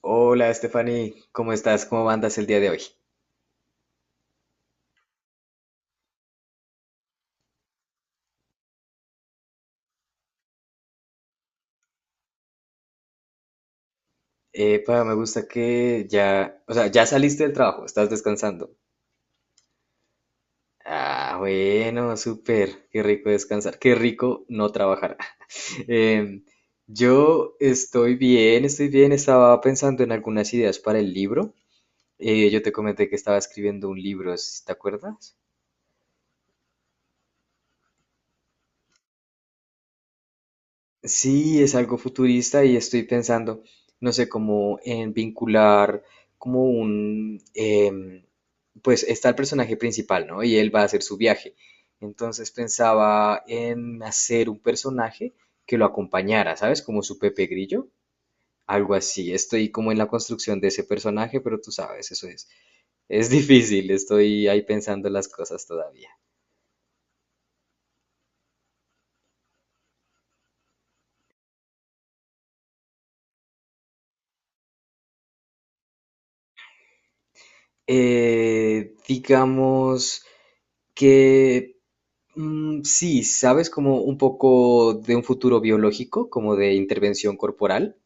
Hola, Stephanie, ¿cómo estás? ¿Cómo andas el día de hoy? Epa, me gusta que ya, o sea, ya saliste del trabajo, estás descansando. Ah, bueno, súper, qué rico descansar, qué rico no trabajar. Em, yo estoy bien, estaba pensando en algunas ideas para el libro. Yo te comenté que estaba escribiendo un libro, ¿sí? ¿Te acuerdas? Sí, es algo futurista y estoy pensando, no sé, como en vincular como un, pues está el personaje principal, ¿no? Y él va a hacer su viaje. Entonces pensaba en hacer un personaje que lo acompañara, ¿sabes? Como su Pepe Grillo, algo así. Estoy como en la construcción de ese personaje, pero tú sabes, eso es difícil, estoy ahí pensando las cosas todavía. Digamos que... sí, sabes como un poco de un futuro biológico, como de intervención corporal,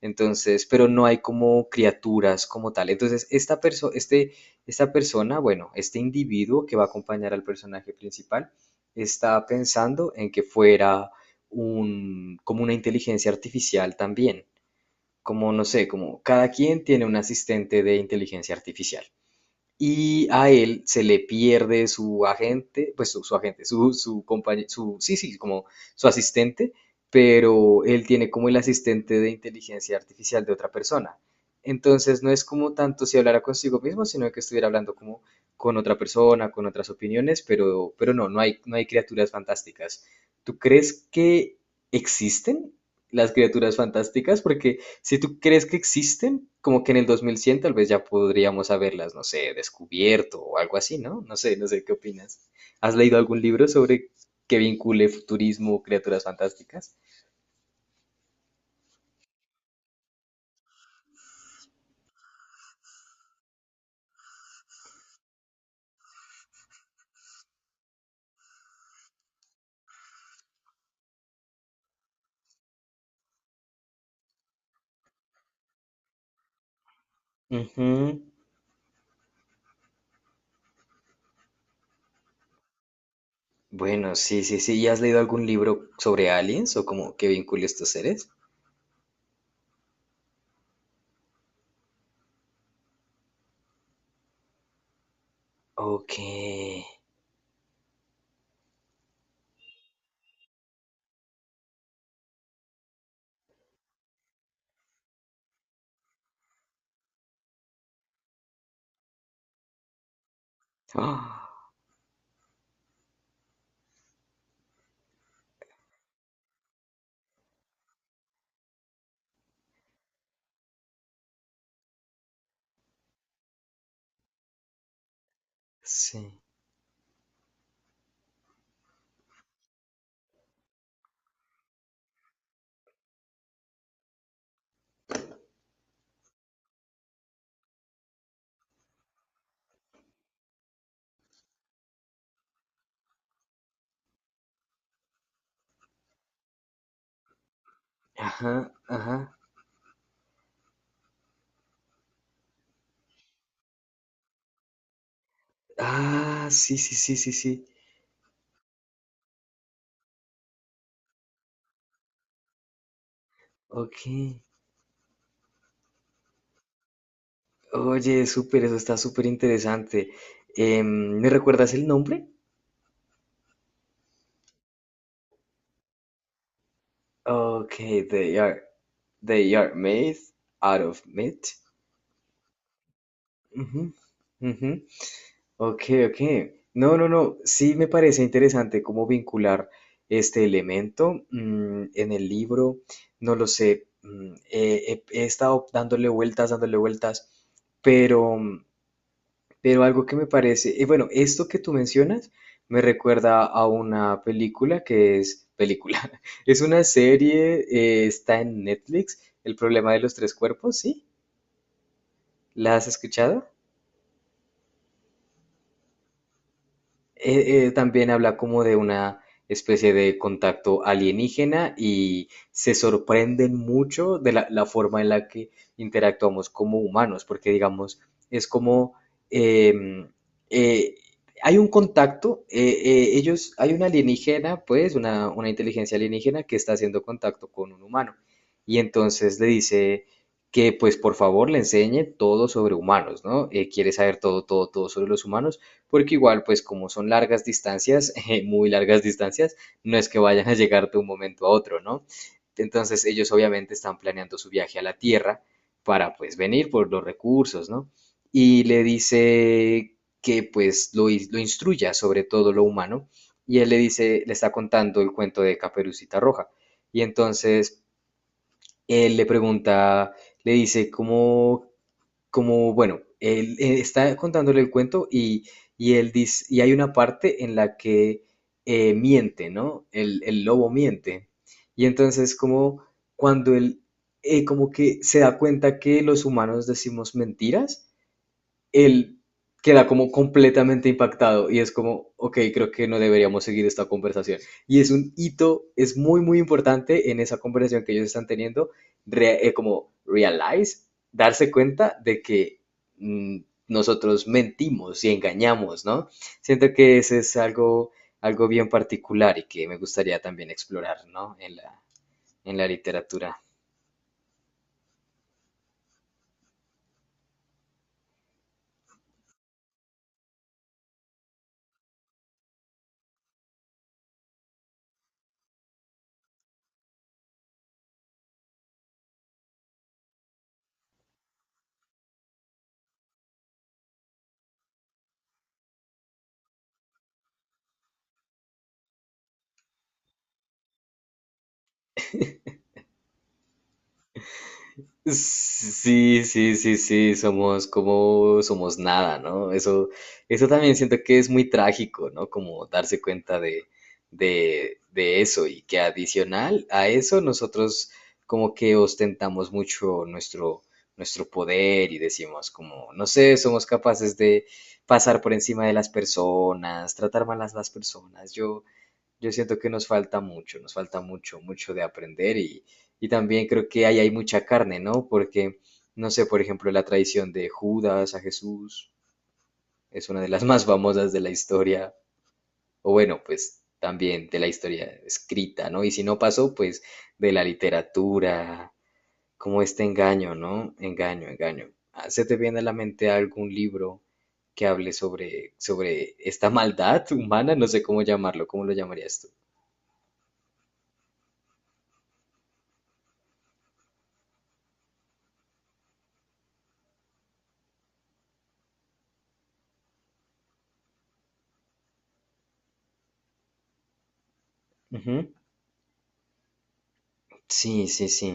entonces, pero no hay como criaturas como tal. Entonces, este, esta persona, bueno, este individuo que va a acompañar al personaje principal, está pensando en que fuera un, como una inteligencia artificial también, como no sé, como cada quien tiene un asistente de inteligencia artificial. Y a él se le pierde su agente, pues su agente, su compañero, su, sí, sí, como su asistente, pero él tiene como el asistente de inteligencia artificial de otra persona. Entonces no es como tanto si hablara consigo mismo, sino que estuviera hablando como con otra persona, con otras opiniones, pero, pero no hay, no hay criaturas fantásticas. ¿Tú crees que existen las criaturas fantásticas? Porque si tú crees que existen, como que en el 2100 tal vez ya podríamos haberlas, no sé, descubierto o algo así, ¿no? No sé, no sé qué opinas. ¿Has leído algún libro sobre que vincule futurismo o criaturas fantásticas? Ujú. Bueno, sí, sí, sí. ¿Y has leído algún libro sobre aliens o como que vincule estos seres? Ok. Ah, sí. Ajá, ajá. Ah, sí, sí, sí, sí, sí. Ok. Oye, súper, eso está súper interesante. ¿Me recuerdas el nombre? Ok, they are, they are made out of meat. Ujú, ujú. Ok, ok. No, no, no. Sí me parece interesante cómo vincular este elemento en el libro. No lo sé. He estado dándole vueltas, pero... pero algo que me parece, bueno, esto que tú mencionas me recuerda a una película que es película, es una serie, está en Netflix, El problema de los tres cuerpos, ¿sí? ¿La has escuchado? También habla como de una especie de contacto alienígena y se sorprenden mucho de la, la forma en la que interactuamos como humanos, porque digamos, es como em, eh, hay un contacto, ellos, hay una alienígena, pues, una inteligencia alienígena que está haciendo contacto con un humano y entonces le dice que pues por favor le enseñe todo sobre humanos, ¿no? Quiere saber todo, todo, todo sobre los humanos porque igual, pues como son largas distancias, muy largas distancias, no es que vayan a llegar de un momento a otro, ¿no? Entonces ellos obviamente están planeando su viaje a la Tierra para pues venir por los recursos, ¿no? Y le dice que pues lo, lo instruya sobre todo lo humano y él le dice, le está contando el cuento de Caperucita Roja. Y entonces él le pregunta, le dice, ¿cómo como, bueno, él está contándole el cuento y él dice, y hay una parte en la que miente, ¿no? El lobo miente. Y entonces como cuando él como que se da cuenta que los humanos decimos mentiras, él queda como completamente impactado y es como, ok, creo que no deberíamos seguir esta conversación. Y es un hito, es muy, muy importante en esa conversación que ellos están teniendo, como realize, darse cuenta de que mm, nosotros mentimos y engañamos, ¿no? Siento que ese es algo, algo bien particular y que me gustaría también explorar, ¿no? En la literatura. Sí, sí, sí, sí, somos como, somos nada, ¿no? Eso también siento que es muy trágico, ¿no? Como darse cuenta de eso y que adicional a eso nosotros como que ostentamos mucho nuestro, nuestro poder y decimos como, no sé, somos capaces de pasar por encima de las personas, tratar mal a las personas. Yo siento que nos falta mucho, mucho de aprender y también creo que ahí hay mucha carne, ¿no? Porque, no sé, por ejemplo, la traición de Judas a Jesús es una de las más famosas de la historia, o bueno, pues también de la historia escrita, ¿no? Y si no pasó, pues de la literatura, como este engaño, ¿no? Engaño, engaño. Ah, ¿se te viene a la mente algún libro que hable sobre, sobre esta maldad humana? No sé cómo llamarlo, ¿cómo lo llamarías tú? Sí, sí, sí.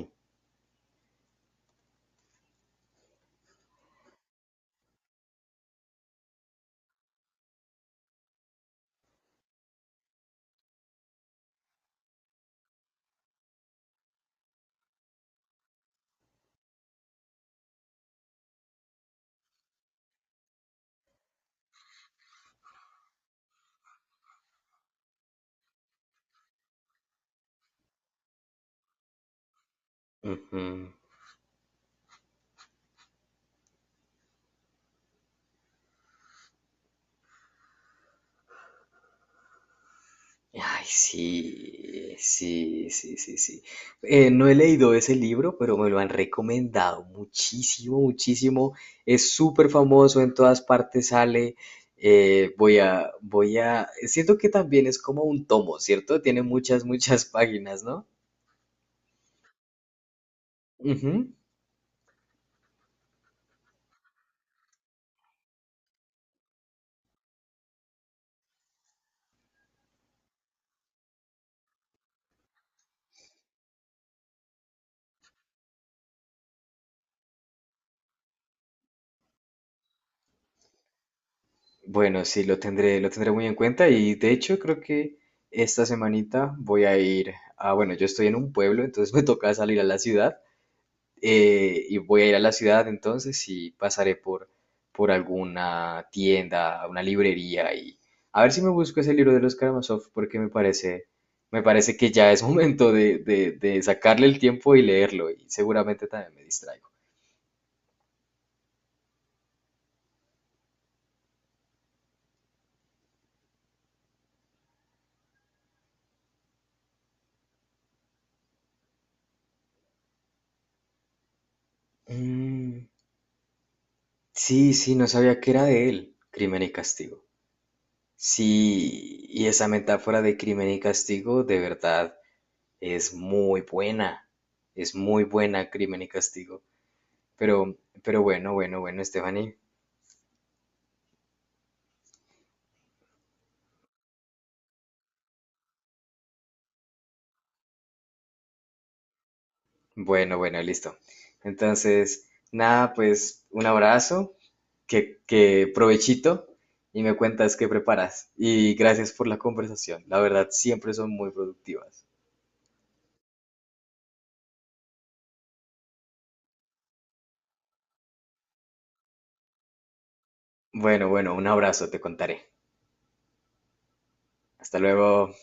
Ujú. Ay, sí, sí, sí, sí, sí. No he leído ese libro, pero me lo han recomendado muchísimo, muchísimo. Es súper famoso, en todas partes sale. Voy a, voy a. Siento que también es como un tomo, ¿cierto? Tiene muchas, muchas páginas, ¿no? Ujú. Bueno, sí, lo tendré muy en cuenta y de hecho creo que esta semanita voy a ir a, bueno, yo estoy en un pueblo, entonces me toca salir a la ciudad y voy a ir a la ciudad entonces y pasaré por alguna tienda, una librería y a ver si me busco ese libro de los Karamazov porque me parece que ya es momento de sacarle el tiempo y leerlo y seguramente también me distraigo. Mm, sí, sí, no sabía que era de él, Crimen y Castigo. Sí, y esa metáfora de crimen y castigo de verdad es muy buena, es muy buena crimen y castigo. Pero, pero bueno, bueno, bueno, Stephanie. Bueno, bueno, listo. Entonces, nada, pues un abrazo, que provechito y me cuentas qué preparas. Y gracias por la conversación. La verdad, siempre son muy productivas. Bueno, bueno, un abrazo, te contaré. Hasta luego.